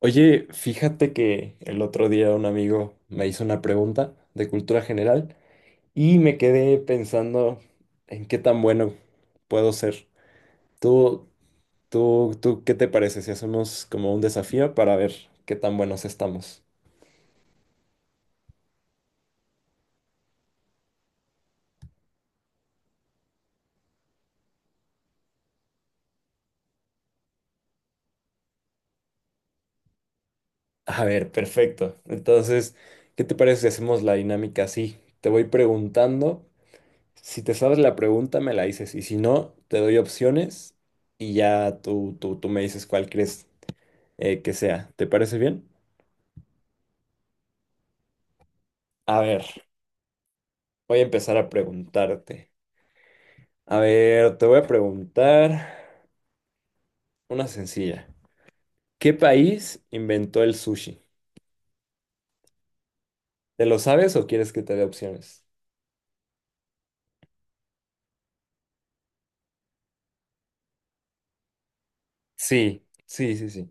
Oye, fíjate que el otro día un amigo me hizo una pregunta de cultura general y me quedé pensando en qué tan bueno puedo ser. Tú, tú, ¿qué te parece si hacemos como un desafío para ver qué tan buenos estamos? A ver, perfecto. Entonces, ¿qué te parece si hacemos la dinámica así? Te voy preguntando, si te sabes la pregunta me la dices y si no, te doy opciones y ya tú me dices cuál crees, que sea. ¿Te parece bien? A ver, voy a empezar a preguntarte. A ver, te voy a preguntar una sencilla. ¿Qué país inventó el sushi? ¿Te lo sabes o quieres que te dé opciones? Sí, sí, sí, sí.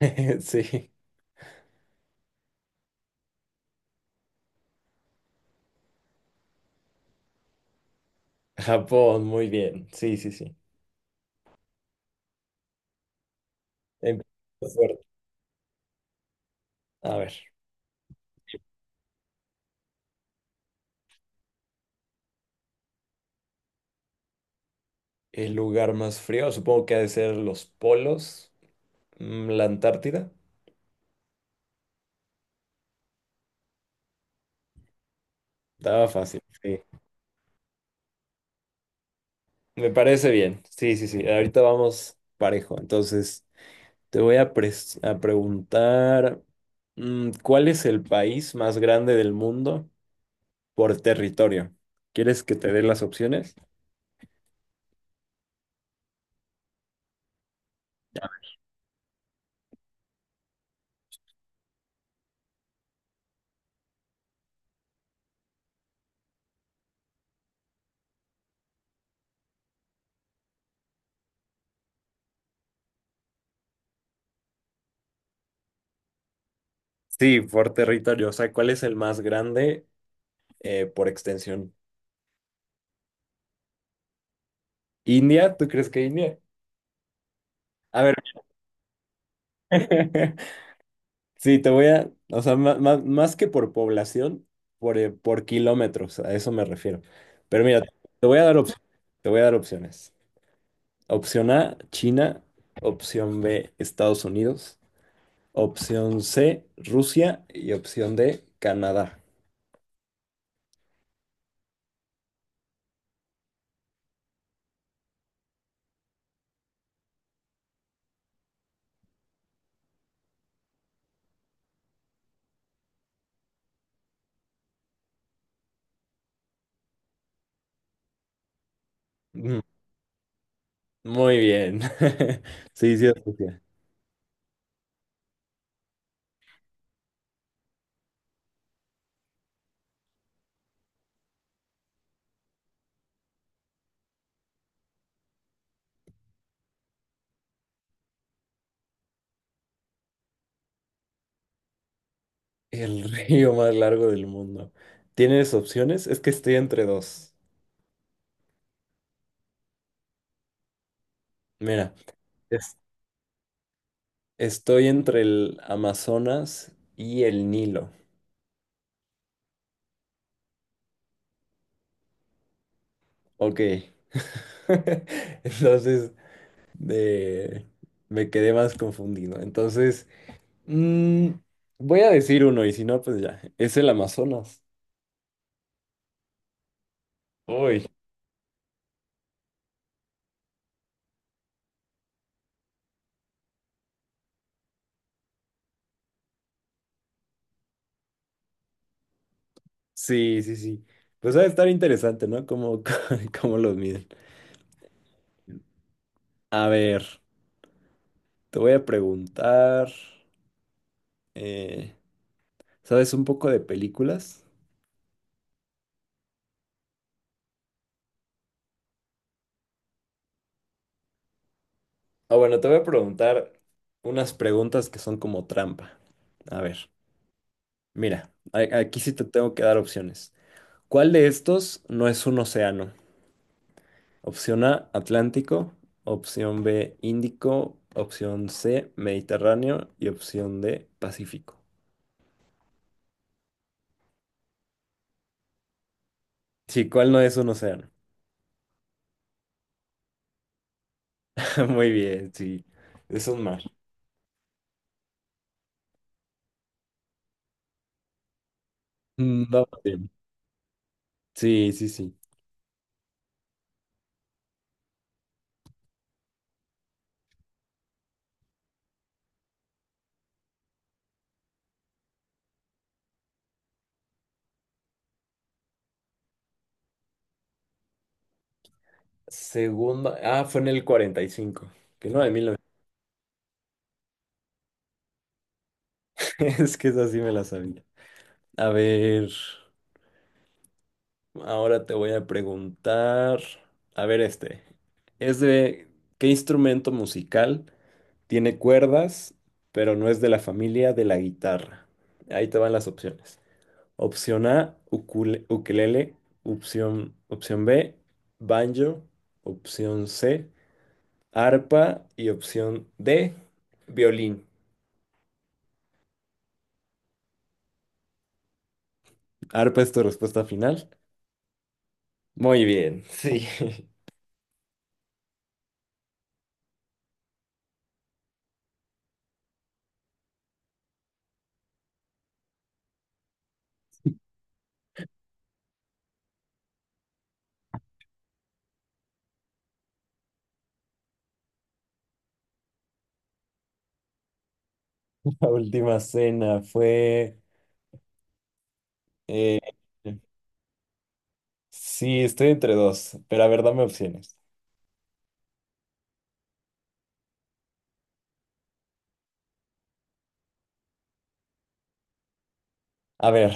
Sí, Japón, muy bien. Sí, sí, sí. Em- fuerte. A ver, el lugar más frío supongo que ha de ser los polos, la Antártida. Estaba fácil, sí. Me parece bien. Sí, sí, sí. Ahorita vamos parejo. Entonces, te voy a preguntar, ¿cuál es el país más grande del mundo por territorio? ¿Quieres que te dé las opciones? Sí, por territorio. O sea, ¿cuál es el más grande, por extensión? ¿India? ¿Tú crees que India? A ver. Sí, te voy a, o sea, más, que por población, por kilómetros, a eso me refiero. Pero mira, te voy a dar opciones. Te voy a dar opciones. Opción A, China. Opción B, Estados Unidos. Opción C, Rusia. Y opción D, Canadá. Mm, Muy bien. Sí, sí, es Rusia. El río más largo del mundo. ¿Tienes opciones? Es que estoy entre dos. Mira, es- estoy entre el Amazonas y el Nilo. Ok. Entonces, de- me quedé más confundido. Entonces, mm, voy a decir uno y si no, pues ya. Es el Amazonas. Uy. Sí, sí, sí. Pues va a estar interesante, ¿no? Cómo, cómo los miden. A ver, te voy a preguntar, eh, ¿sabes un poco de películas? Ah, bueno, te voy a preguntar unas preguntas que son como trampa. A ver, mira, aquí sí te tengo que dar opciones. ¿Cuál de estos no es un océano? Opción A, Atlántico. Opción B, Índico. Opción C, Mediterráneo. Y opción D, Pacífico. Sí, ¿cuál no es un océano? Muy bien, sí. Es un mar. Vamos bien. Sí, sí, sí. Segundo. Ah, fue en el 45, que no, en 1900. Es que esa sí me la sabía. A ver. Ahora te voy a preguntar. A ver, este. Es de. ¿Qué instrumento musical tiene cuerdas, pero no es de la familia de la guitarra? Ahí te van las opciones. Opción A, ukelele. Opción B, banjo. Opción C, arpa. Y opción D, violín. ¿Arpa es tu respuesta final? Muy bien, sí. La última cena fue, eh, sí, estoy entre dos, pero a ver, dame opciones. A ver,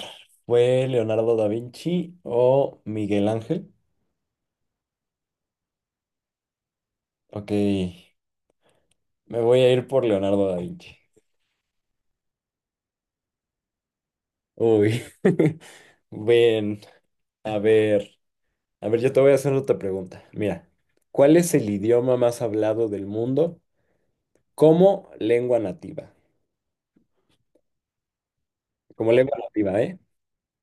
¿fue Leonardo da Vinci o Miguel Ángel? Ok, me voy a ir por Leonardo da Vinci. Uy, bien, a ver, a ver, yo te voy a hacer otra pregunta. Mira, ¿cuál es el idioma más hablado del mundo, como lengua nativa, como lengua nativa, eh?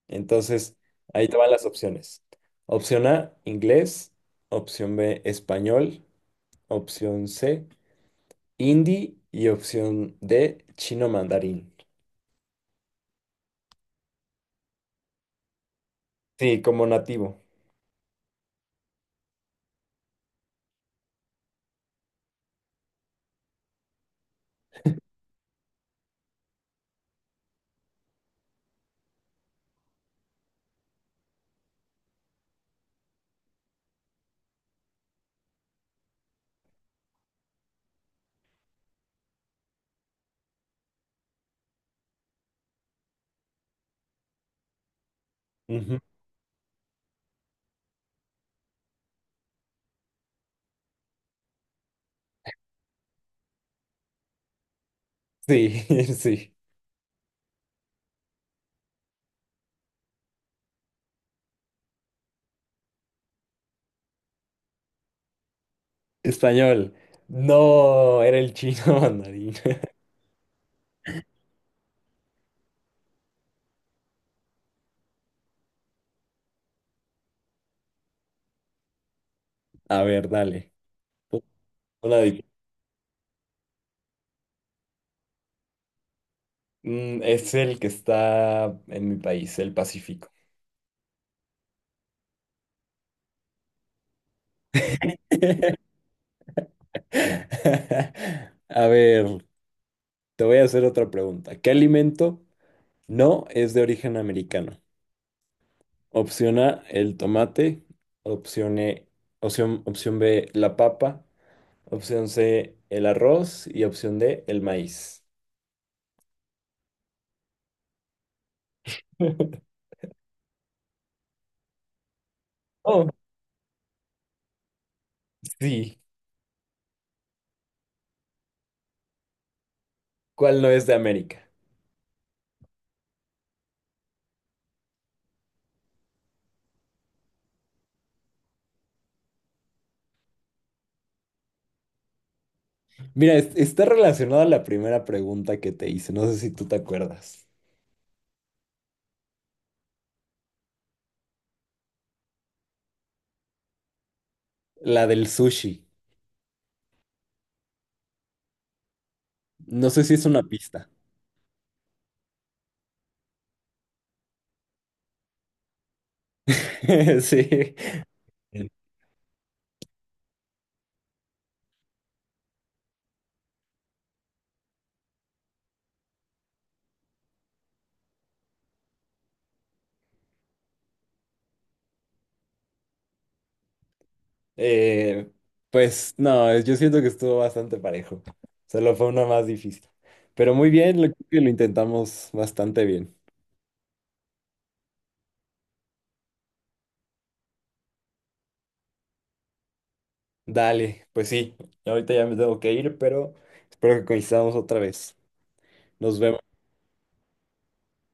Entonces, ahí te van las opciones. Opción A, inglés. Opción B, español. Opción C, hindi. Y opción D, chino mandarín. Sí, como nativo. Ujú. Sí, sí. ¿Español? No, era el chino mandarín. A ver, dale. Una de- es el que está en mi país, el Pacífico. A ver. Te voy a hacer otra pregunta. ¿Qué alimento no es de origen americano? Opción A, el tomate. Opción E- opción B, la papa. Opción C, el arroz. Y opción D, el maíz. Oh, sí. ¿Cuál no es de América? Mira, está relacionada a la primera pregunta que te hice. No sé si tú te acuerdas. La del sushi. No sé si es una pista. Sí. Eh, pues no, yo siento que estuvo bastante parejo. Solo fue una más difícil. Pero muy bien, creo que lo intentamos bastante bien. Dale, pues sí, ahorita ya me tengo que ir, pero espero que coincidamos otra vez. Nos vemos.